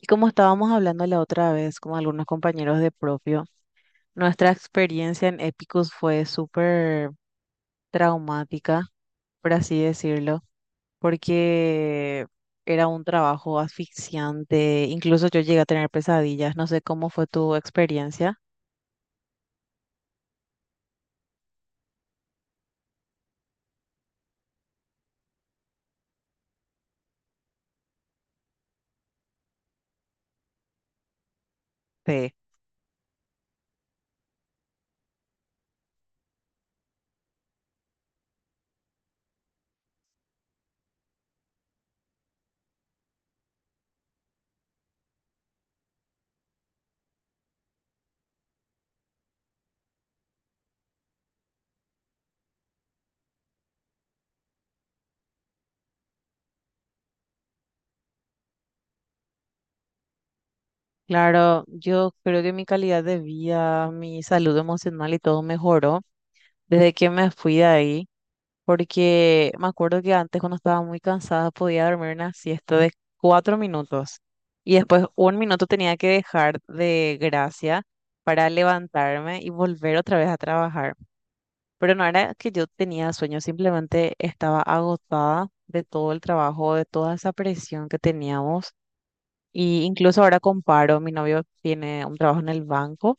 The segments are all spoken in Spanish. Y como estábamos hablando la otra vez con algunos compañeros de propio, nuestra experiencia en Epicus fue súper traumática, por así decirlo, porque era un trabajo asfixiante, incluso yo llegué a tener pesadillas, no sé cómo fue tu experiencia. Sí. Claro, yo creo que mi calidad de vida, mi salud emocional y todo mejoró desde que me fui de ahí. Porque me acuerdo que antes cuando estaba muy cansada podía dormir una siesta de 4 minutos y después un minuto tenía que dejar de gracia para levantarme y volver otra vez a trabajar. Pero no era que yo tenía sueño, simplemente estaba agotada de todo el trabajo, de toda esa presión que teníamos. Y incluso ahora comparo, mi novio tiene un trabajo en el banco.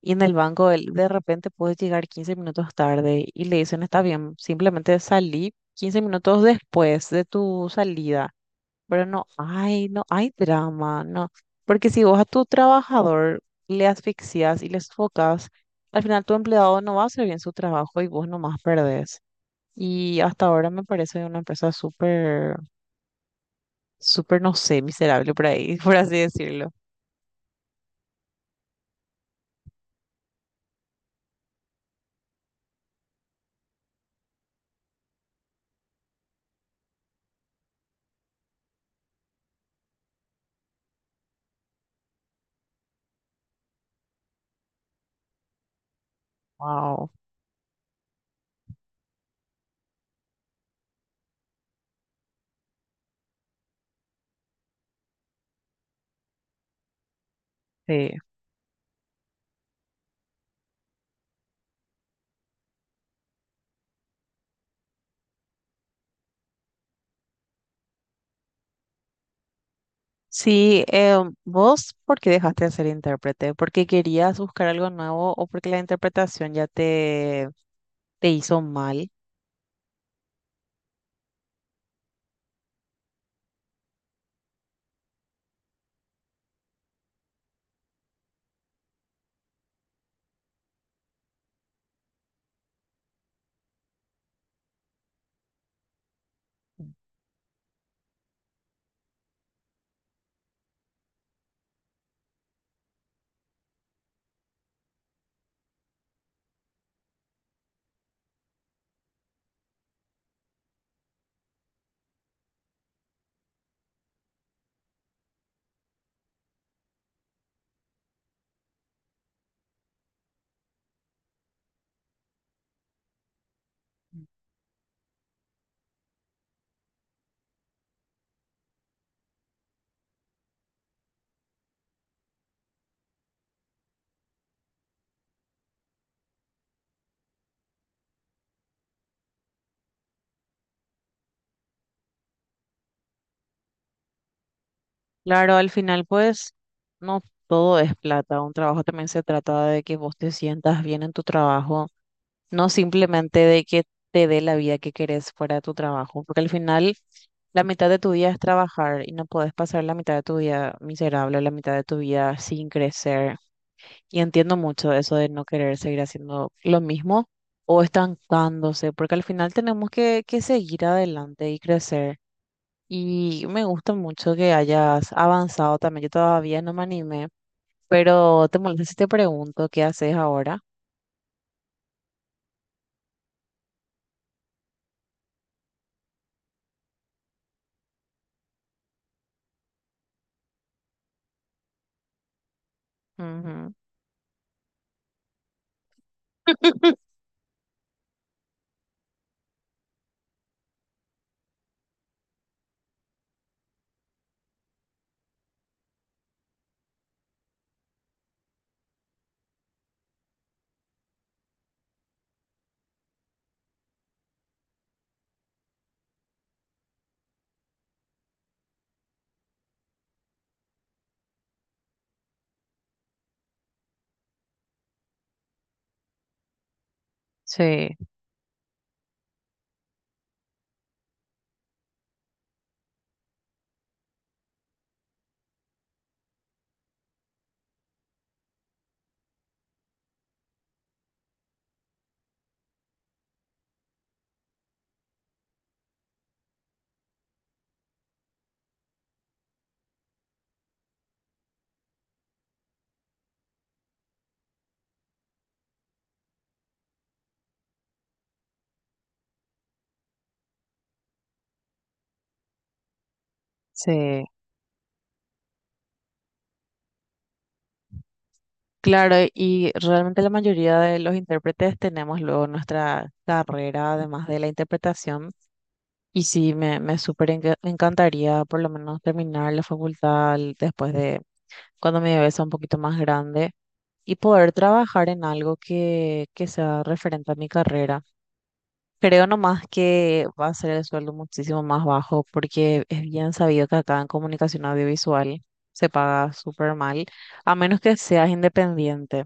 Y en el banco él de repente puedes llegar 15 minutos tarde y le dicen, está bien, simplemente salí 15 minutos después de tu salida. Pero no hay drama, no. Porque si vos a tu trabajador le asfixias y le sofocas, al final tu empleado no va a hacer bien su trabajo y vos nomás perdés. Y hasta ahora me parece una empresa súper, súper, no sé, miserable por ahí, por así decirlo. Wow, sí. Sí, vos, ¿por qué dejaste de ser intérprete? ¿Porque querías buscar algo nuevo o porque la interpretación ya te hizo mal? Claro, al final, pues, no todo es plata. Un trabajo también se trata de que vos te sientas bien en tu trabajo, no simplemente de que te dé la vida que querés fuera de tu trabajo, porque al final la mitad de tu día es trabajar y no podés pasar la mitad de tu día miserable, la mitad de tu día sin crecer. Y entiendo mucho eso de no querer seguir haciendo lo mismo o estancándose, porque al final tenemos que seguir adelante y crecer. Y me gusta mucho que hayas avanzado también. Yo todavía no me animé, pero te molesta si te pregunto qué haces ahora. Ujú. Sí, sí. Claro, y realmente la mayoría de los intérpretes tenemos luego nuestra carrera, además de la interpretación. Y sí, me súper encantaría por lo menos terminar la facultad después de cuando mi bebé sea un poquito más grande y poder trabajar en algo que sea referente a mi carrera. Creo nomás que va a ser el sueldo muchísimo más bajo porque es bien sabido que acá en comunicación audiovisual se paga súper mal, a menos que seas independiente.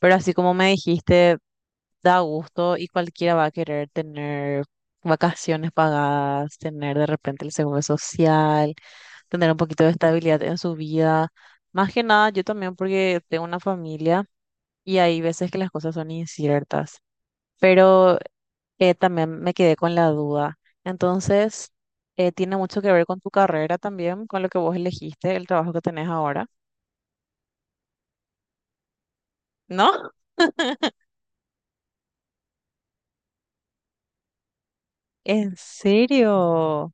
Pero así como me dijiste da gusto y cualquiera va a querer tener vacaciones pagadas, tener de repente el seguro social, tener un poquito de estabilidad en su vida. Más que nada, yo también porque tengo una familia y hay veces que las cosas son inciertas, pero también me quedé con la duda. Entonces, tiene mucho que ver con tu carrera también, con lo que vos elegiste, el trabajo que tenés ahora, ¿no? ¿En serio?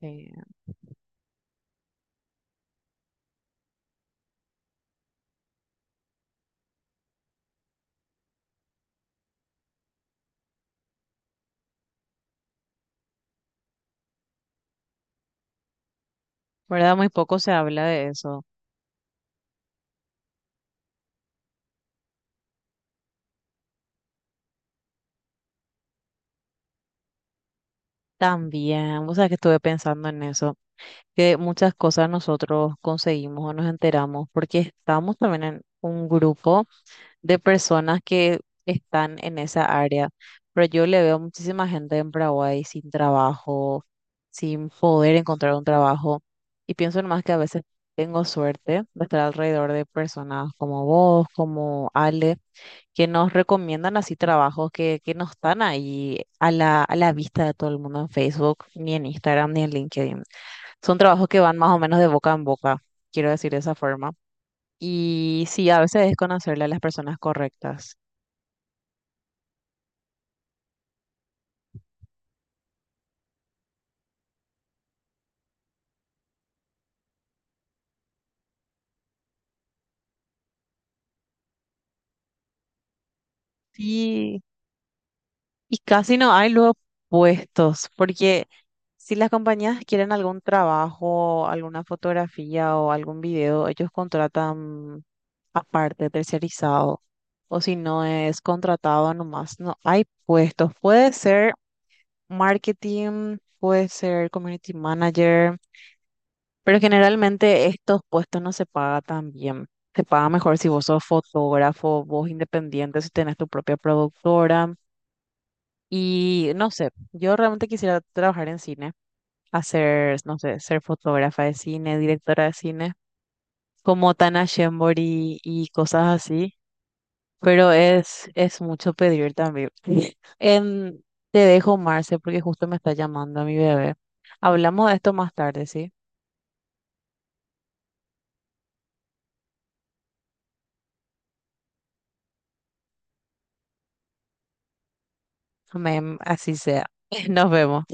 Sí, ¿verdad? Muy poco se habla de eso. También, o sea, que estuve pensando en eso, que muchas cosas nosotros conseguimos o nos enteramos porque estamos también en un grupo de personas que están en esa área, pero yo le veo muchísima gente en Paraguay sin trabajo, sin poder encontrar un trabajo y pienso nomás que a veces tengo suerte de estar alrededor de personas como vos, como Ale que nos recomiendan así trabajos que no están ahí a la vista de todo el mundo en Facebook, ni en Instagram, ni en LinkedIn. Son trabajos que van más o menos de boca en boca, quiero decir de esa forma. Y sí, a veces es conocerle a las personas correctas. Sí. Y casi no hay luego puestos, porque si las compañías quieren algún trabajo, alguna fotografía o algún video, ellos contratan aparte, tercerizado, o si no es contratado nomás, no hay puestos. Puede ser marketing, puede ser community manager, pero generalmente estos puestos no se paga tan bien. Se paga mejor si vos sos fotógrafo, vos independiente, si tenés tu propia productora. Y no sé, yo realmente quisiera trabajar en cine, hacer, no sé, ser fotógrafa de cine, directora de cine, como Tana Shembori y cosas así, pero es mucho pedir también. Em, Te dejo, Marce, porque justo me está llamando mi bebé. Hablamos de esto más tarde, ¿sí? Amén, así sea. Nos vemos.